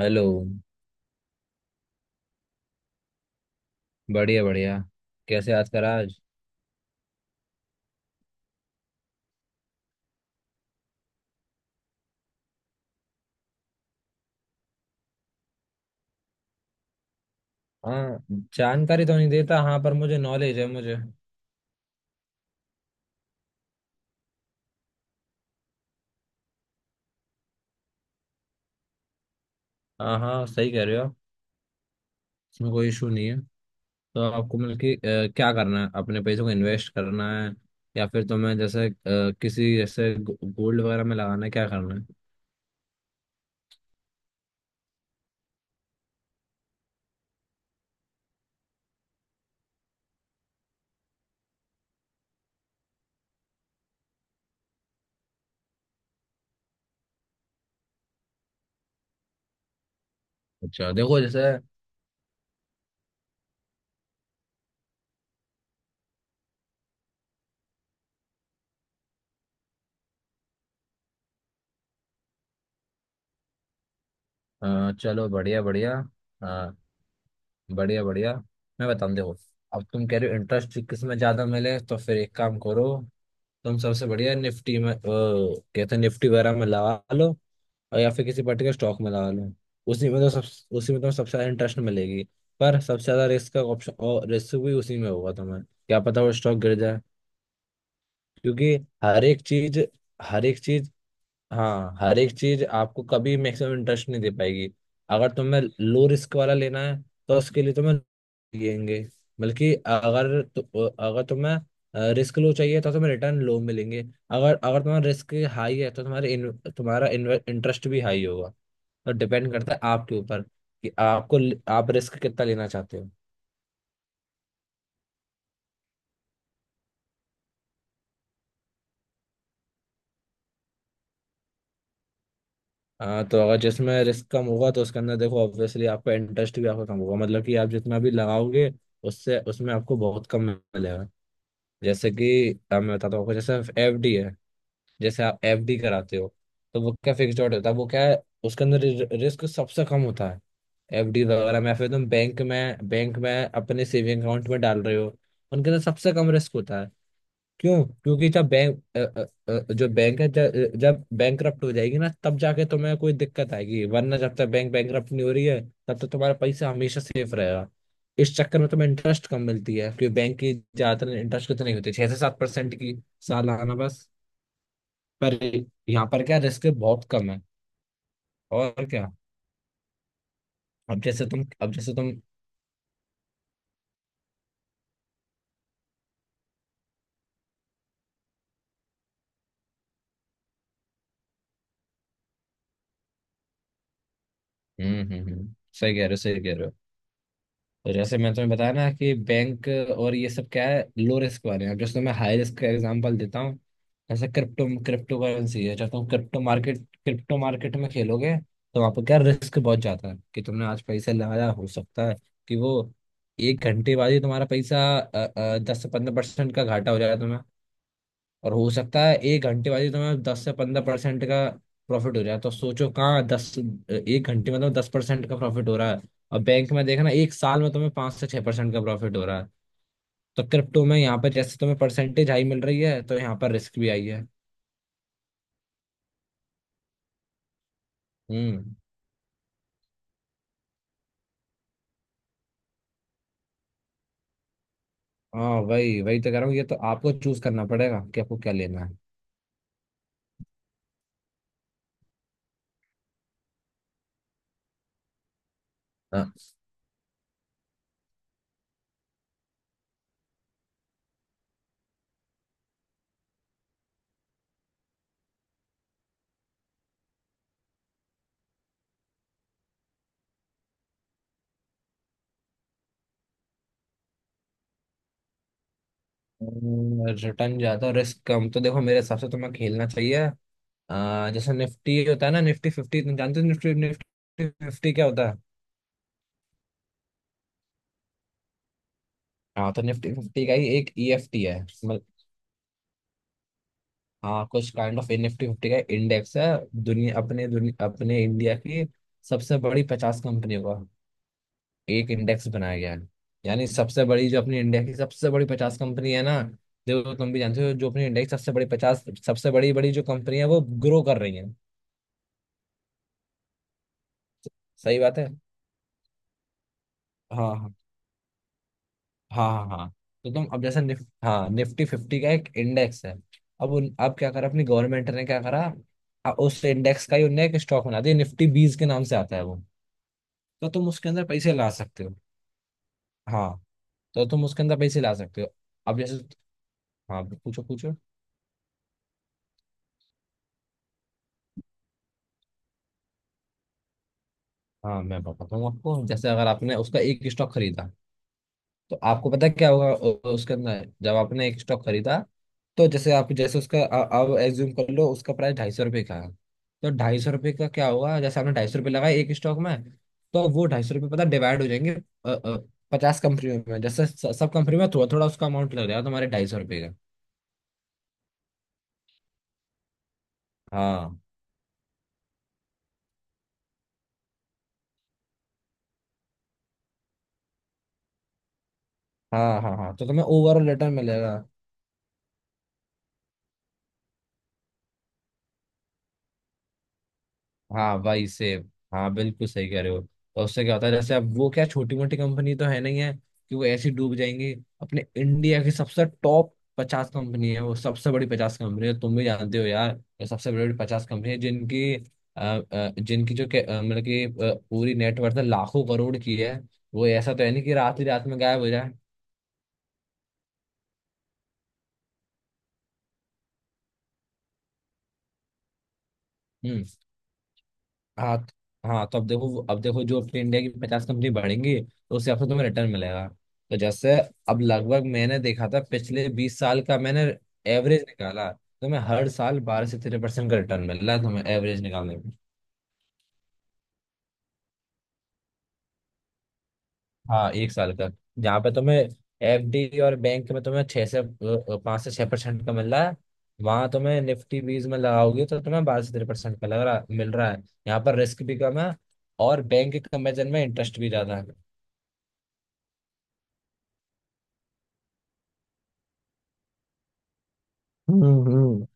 Hello. बढ़िया बढ़िया। कैसे याद करा आज? हाँ, जानकारी तो नहीं देता, हाँ, पर मुझे नॉलेज है, मुझे। हाँ हाँ, सही कह रहे हो आप। इसमें कोई इशू नहीं है। तो आपको मतलब कि क्या करना है, अपने पैसों को इन्वेस्ट करना है? या फिर तुम्हें जैसे किसी जैसे गोल्ड वगैरह में लगाना है? क्या करना है? अच्छा देखो, जैसे। चलो, बढ़िया बढ़िया। बढ़िया बढ़िया। मैं बताऊँ, देखो। अब तुम कह रहे हो इंटरेस्ट किस में ज्यादा मिले, तो फिर एक काम करो। तुम सबसे बढ़िया निफ्टी में, कहते हैं निफ्टी वगैरह में लगा लो। और या फिर किसी पर्टिकुलर स्टॉक में लगा लो। उसी में तो सबसे ज्यादा इंटरेस्ट मिलेगी। पर सबसे ज्यादा रिस्क का ऑप्शन, और रिस्क भी उसी में होगा। तुम्हें क्या पता वो स्टॉक गिर जाए। क्योंकि हर एक चीज हर एक चीज हाँ, हर एक चीज आपको कभी मैक्सिमम इंटरेस्ट नहीं दे पाएगी। अगर तुम्हें लो रिस्क वाला लेना है तो उसके लिए तुम्हें मिलेंगे। बल्कि अगर तुम्हें रिस्क लो चाहिए तो तुम्हें रिटर्न लो मिलेंगे। अगर अगर तुम्हारा रिस्क हाई है तो तुम्हारा इंटरेस्ट भी हाई होगा। तो डिपेंड करता है आपके ऊपर कि आपको आप रिस्क कितना लेना चाहते हो। हाँ, तो अगर जिसमें रिस्क कम होगा तो उसके अंदर देखो, ऑब्वियसली आपका इंटरेस्ट भी आपका कम होगा, मतलब कि आप जितना भी लगाओगे उससे उसमें आपको बहुत कम मिलेगा। जैसे कि मैं बताता हूँ आपको, जैसे एफडी है, जैसे आप एफडी कराते हो। तो वो क्या फिक्स डॉट होता है, वो क्या है, उसके अंदर रिस्क सबसे कम होता है। एफडी वगैरह में, या फिर तुम बैंक में अपने सेविंग अकाउंट में डाल रहे हो, उनके अंदर सबसे कम रिस्क होता है। क्यों? क्योंकि जब बैंक अ, अ, अ, जो बैंक है, जब बैंक करप्ट हो जाएगी ना तब जाके तुम्हें कोई दिक्कत आएगी, वरना जब तक बैंक बैंक करप्ट नहीं हो रही है तब तक तुम्हारा पैसा हमेशा सेफ रहेगा। इस चक्कर में तुम्हें इंटरेस्ट कम मिलती है, क्योंकि बैंक की ज्यादातर इंटरेस्ट कितनी होती है? 6 से 7% की सालाना, बस। पर यहाँ पर क्या, रिस्क बहुत कम है, और क्या। अब जैसे तुम हम्म। सही कह रहे हो, सही कह रहे हो। तो जैसे मैं तुम्हें बताया ना कि बैंक और ये सब क्या है, लो रिस्क वाले हैं। अब जैसे मैं हाई रिस्क का एग्जांपल देता हूँ। जैसे क्रिप्टो क्रिप्टो करेंसी है, जब तुम क्रिप्टो मार्केट में खेलोगे तो वहाँ पर क्या, रिस्क बहुत ज्यादा है कि तुमने आज पैसा लगाया, हो सकता है कि वो 1 घंटे बाद ही तुम्हारा पैसा 10 से 15% का घाटा हो जाएगा तुम्हें। और हो सकता है 1 घंटे बाद ही तुम्हें 10 से 15% का प्रॉफिट हो जाए। तो सोचो, कहाँ दस 1 घंटे में तो 10% का प्रॉफिट हो रहा है, और बैंक में देखना 1 साल में तुम्हें 5 से 6% का प्रॉफिट हो रहा है। तो क्रिप्टो में यहाँ पर जैसे तुम्हें परसेंटेज हाई मिल रही है तो यहाँ पर रिस्क भी आई है। हम्म। हाँ, वही वही तो कह रहा हूँ, ये तो आपको चूज करना पड़ेगा कि आपको क्या लेना है। हाँ, रिटर्न ज्यादा रिस्क कम, तो देखो मेरे हिसाब से तुम्हें खेलना चाहिए। जैसे निफ्टी होता है ना, निफ्टी फिफ्टी, तुम जानते हो निफ्टी निफ्टी फिफ्टी क्या होता है? हाँ, तो निफ्टी फिफ्टी का ही एक ईएफटी है मतलब। हाँ, कुछ काइंड ऑफ निफ्टी फिफ्टी का इंडेक्स है। दुनिया अपने इंडिया की सबसे बड़ी 50 कंपनियों का एक इंडेक्स बनाया गया है। यानी सबसे बड़ी, जो अपनी इंडिया की सबसे बड़ी पचास कंपनी है ना। देखो, तुम भी जानते हो, जो अपनी इंडिया की सबसे बड़ी पचास, सबसे बड़ी बड़ी जो कंपनी है वो ग्रो कर रही है। सही बात है। हाँ हाँ। हाँ हाँ हाँ। तो तुम, अब जैसे निफ हाँ, निफ्टी फिफ्टी का एक इंडेक्स है। अब क्या करा अपनी गवर्नमेंट ने क्या करा, उस इंडेक्स का ही उनने एक स्टॉक बना दिया, निफ्टी 20 के नाम से आता है वो। तो तुम उसके अंदर पैसे ला सकते हो। हाँ। तो तुम उसके अंदर पैसे ला सकते हो। अब जैसे, हाँ, पूछो पूछो। हाँ, मैं बताता हूँ आपको। जैसे अगर आपने उसका एक स्टॉक खरीदा, तो आपको पता क्या होगा, उसके अंदर जब आपने एक स्टॉक खरीदा, तो जैसे उसका अब एज्यूम कर लो, उसका प्राइस 250 रुपये का है, तो 250 रुपये का क्या होगा, जैसे आपने 250 रुपये लगाए एक स्टॉक में। तो वो 250 रुपये पता डिवाइड हो जाएंगे 50 कंपनियों में, जैसे सब कंपनी में थोड़ा थोड़ा उसका अमाउंट लग जाएगा तुम्हारे 250 रुपये का। हाँ हाँ हाँ हाँ, तो तुम्हें ओवरऑल रिटर्न मिलेगा। हाँ, वही सेव हाँ बिल्कुल सही कह रहे हो। तो उससे क्या होता है, जैसे अब वो क्या, छोटी मोटी कंपनी तो है नहीं है कि वो ऐसी डूब जाएंगी। अपने इंडिया की सबसे टॉप 50 कंपनी है, वो सबसे बड़ी 50 कंपनी है, तुम भी जानते हो यार। ये सबसे बड़ी बड़ी 50 कंपनी है, जिनकी अ, अ, जिनकी जो के- अ, मतलब कि पूरी नेटवर्थ लाखों करोड़ की है। वो ऐसा तो है नहीं कि रात ही रात में गायब हो जाए। हम्म। हाँ तो अब देखो, जो अपनी इंडिया की 50 कंपनी बढ़ेंगी तो उस हिसाब से तुम्हें रिटर्न मिलेगा। तो जैसे, अब लगभग मैंने देखा था पिछले 20 साल का, मैंने एवरेज निकाला, तुम्हें हर साल 12 से 13% का रिटर्न मिल रहा है तुम्हें, एवरेज निकालने में। हाँ, 1 साल का। जहाँ पे तुम्हें एफडी और बैंक में तुम्हें छह से पाँच से छह परसेंट का मिल रहा है, वहाँ तुम्हें निफ्टी बीज में लगाओगे तो तुम्हें 12 से 13% का लग रहा मिल रहा है। यहाँ पर रिस्क भी कम है, और बैंक के कंपेरिजन में इंटरेस्ट भी ज्यादा है। हम्म। हम्म।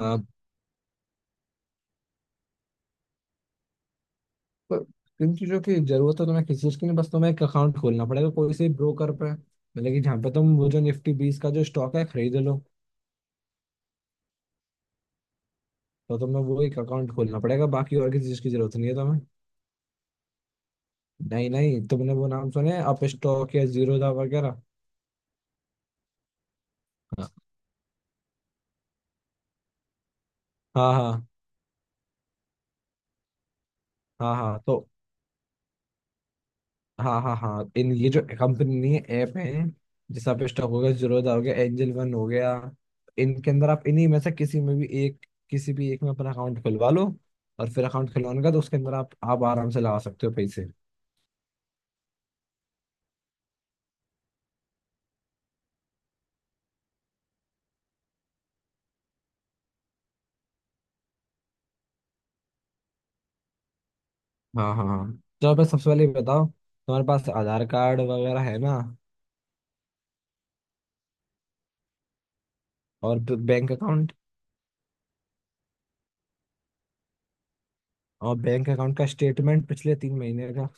हाँ, पर इन चीज़ों की जरूरत है तुम्हें, किसी चीज़ की नहीं, बस तुम्हें एक अकाउंट खोलना पड़ेगा कोई से ब्रोकर पे, मतलब कि जहाँ पे तुम वो जो निफ्टी 20 का जो स्टॉक है खरीद लो। तो तुम्हें वो एक अकाउंट खोलना पड़ेगा, बाकी और किसी चीज़ की जरूरत नहीं है तुम्हें। नहीं नहीं, तुमने वो नाम सुने, अप स्टॉक या जीरो दा वगैरह। हाँ हाँ। हाँ हाँ हाँ, तो हाँ हाँ हाँ, इन ये जो कंपनी ऐप है, जैसे आप स्टॉक हो गया, जीरोधा हो गया, एंजल वन हो गया, इनके अंदर आप इन्हीं में से किसी भी एक में अपना अकाउंट खुलवा लो। और फिर अकाउंट खुलवाने का, तो उसके अंदर आप आराम से लगा सकते हो पैसे। हाँ हाँ हाँ, तो मैं सबसे पहले ये बताओ, तुम्हारे पास आधार कार्ड वगैरह है ना? और बैंक अकाउंट? और बैंक अकाउंट का स्टेटमेंट पिछले 3 महीने का।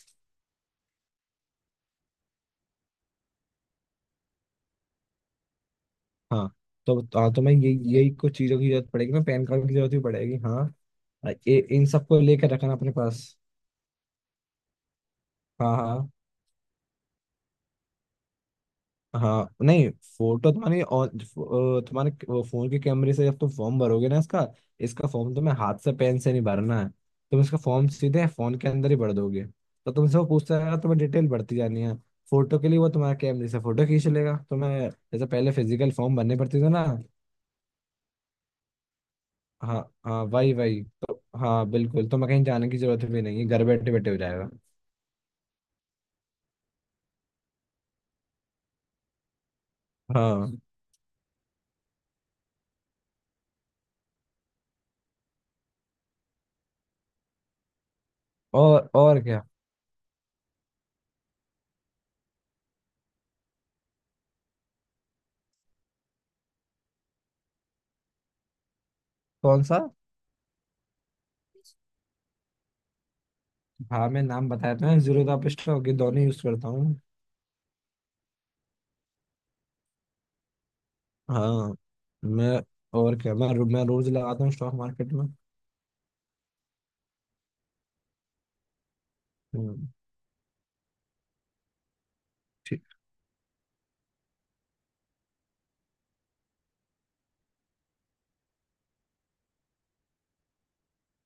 हाँ, हाँ तो मैं ये यही कुछ चीज़ों की जरूरत पड़ेगी ना, पैन कार्ड की जरूरत भी पड़ेगी, हाँ। ये इन सबको लेकर रखना अपने पास। हाँ हाँ। हाँ नहीं, फोटो तुम्हारी और फो- अ, तुम्हारे क- वो फोन के कैमरे से जब तुम फॉर्म भरोगे ना, इसका। इसका फॉर्म तुम्हें हाथ से पेन से नहीं भरना है, तुम इसका फॉर्म सीधे फोन के अंदर ही भर दोगे। तो तुमसे वो पूछता रहेगा, तुम्हें डिटेल भरती जानी है। फोटो के लिए वो तुम्हारे कैमरे से फोटो खींच लेगा तुम्हें, जैसे पहले फिजिकल फॉर्म भरने पड़ते थे ना। हाँ। हाँ, वही वही तो, हाँ बिल्कुल, तुम्हें कहीं जाने की जरूरत भी नहीं है, घर बैठे बैठे हो जाएगा। हाँ, और क्या? कौन सा? हाँ, मैं नाम बताया था, जीरो का पिस्टल के दोनों यूज करता हूँ। हाँ, मैं, और क्या, मैं रोज लगाता हूँ स्टॉक मार्केट में। हम्म। ठीक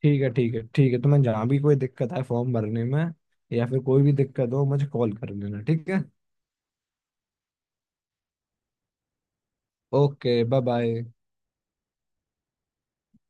ठीक है, ठीक है, ठीक है, तो मैं, जहाँ भी कोई दिक्कत है फॉर्म भरने में या फिर कोई भी दिक्कत हो, मुझे कॉल कर लेना, ठीक है। Okay, bye bye.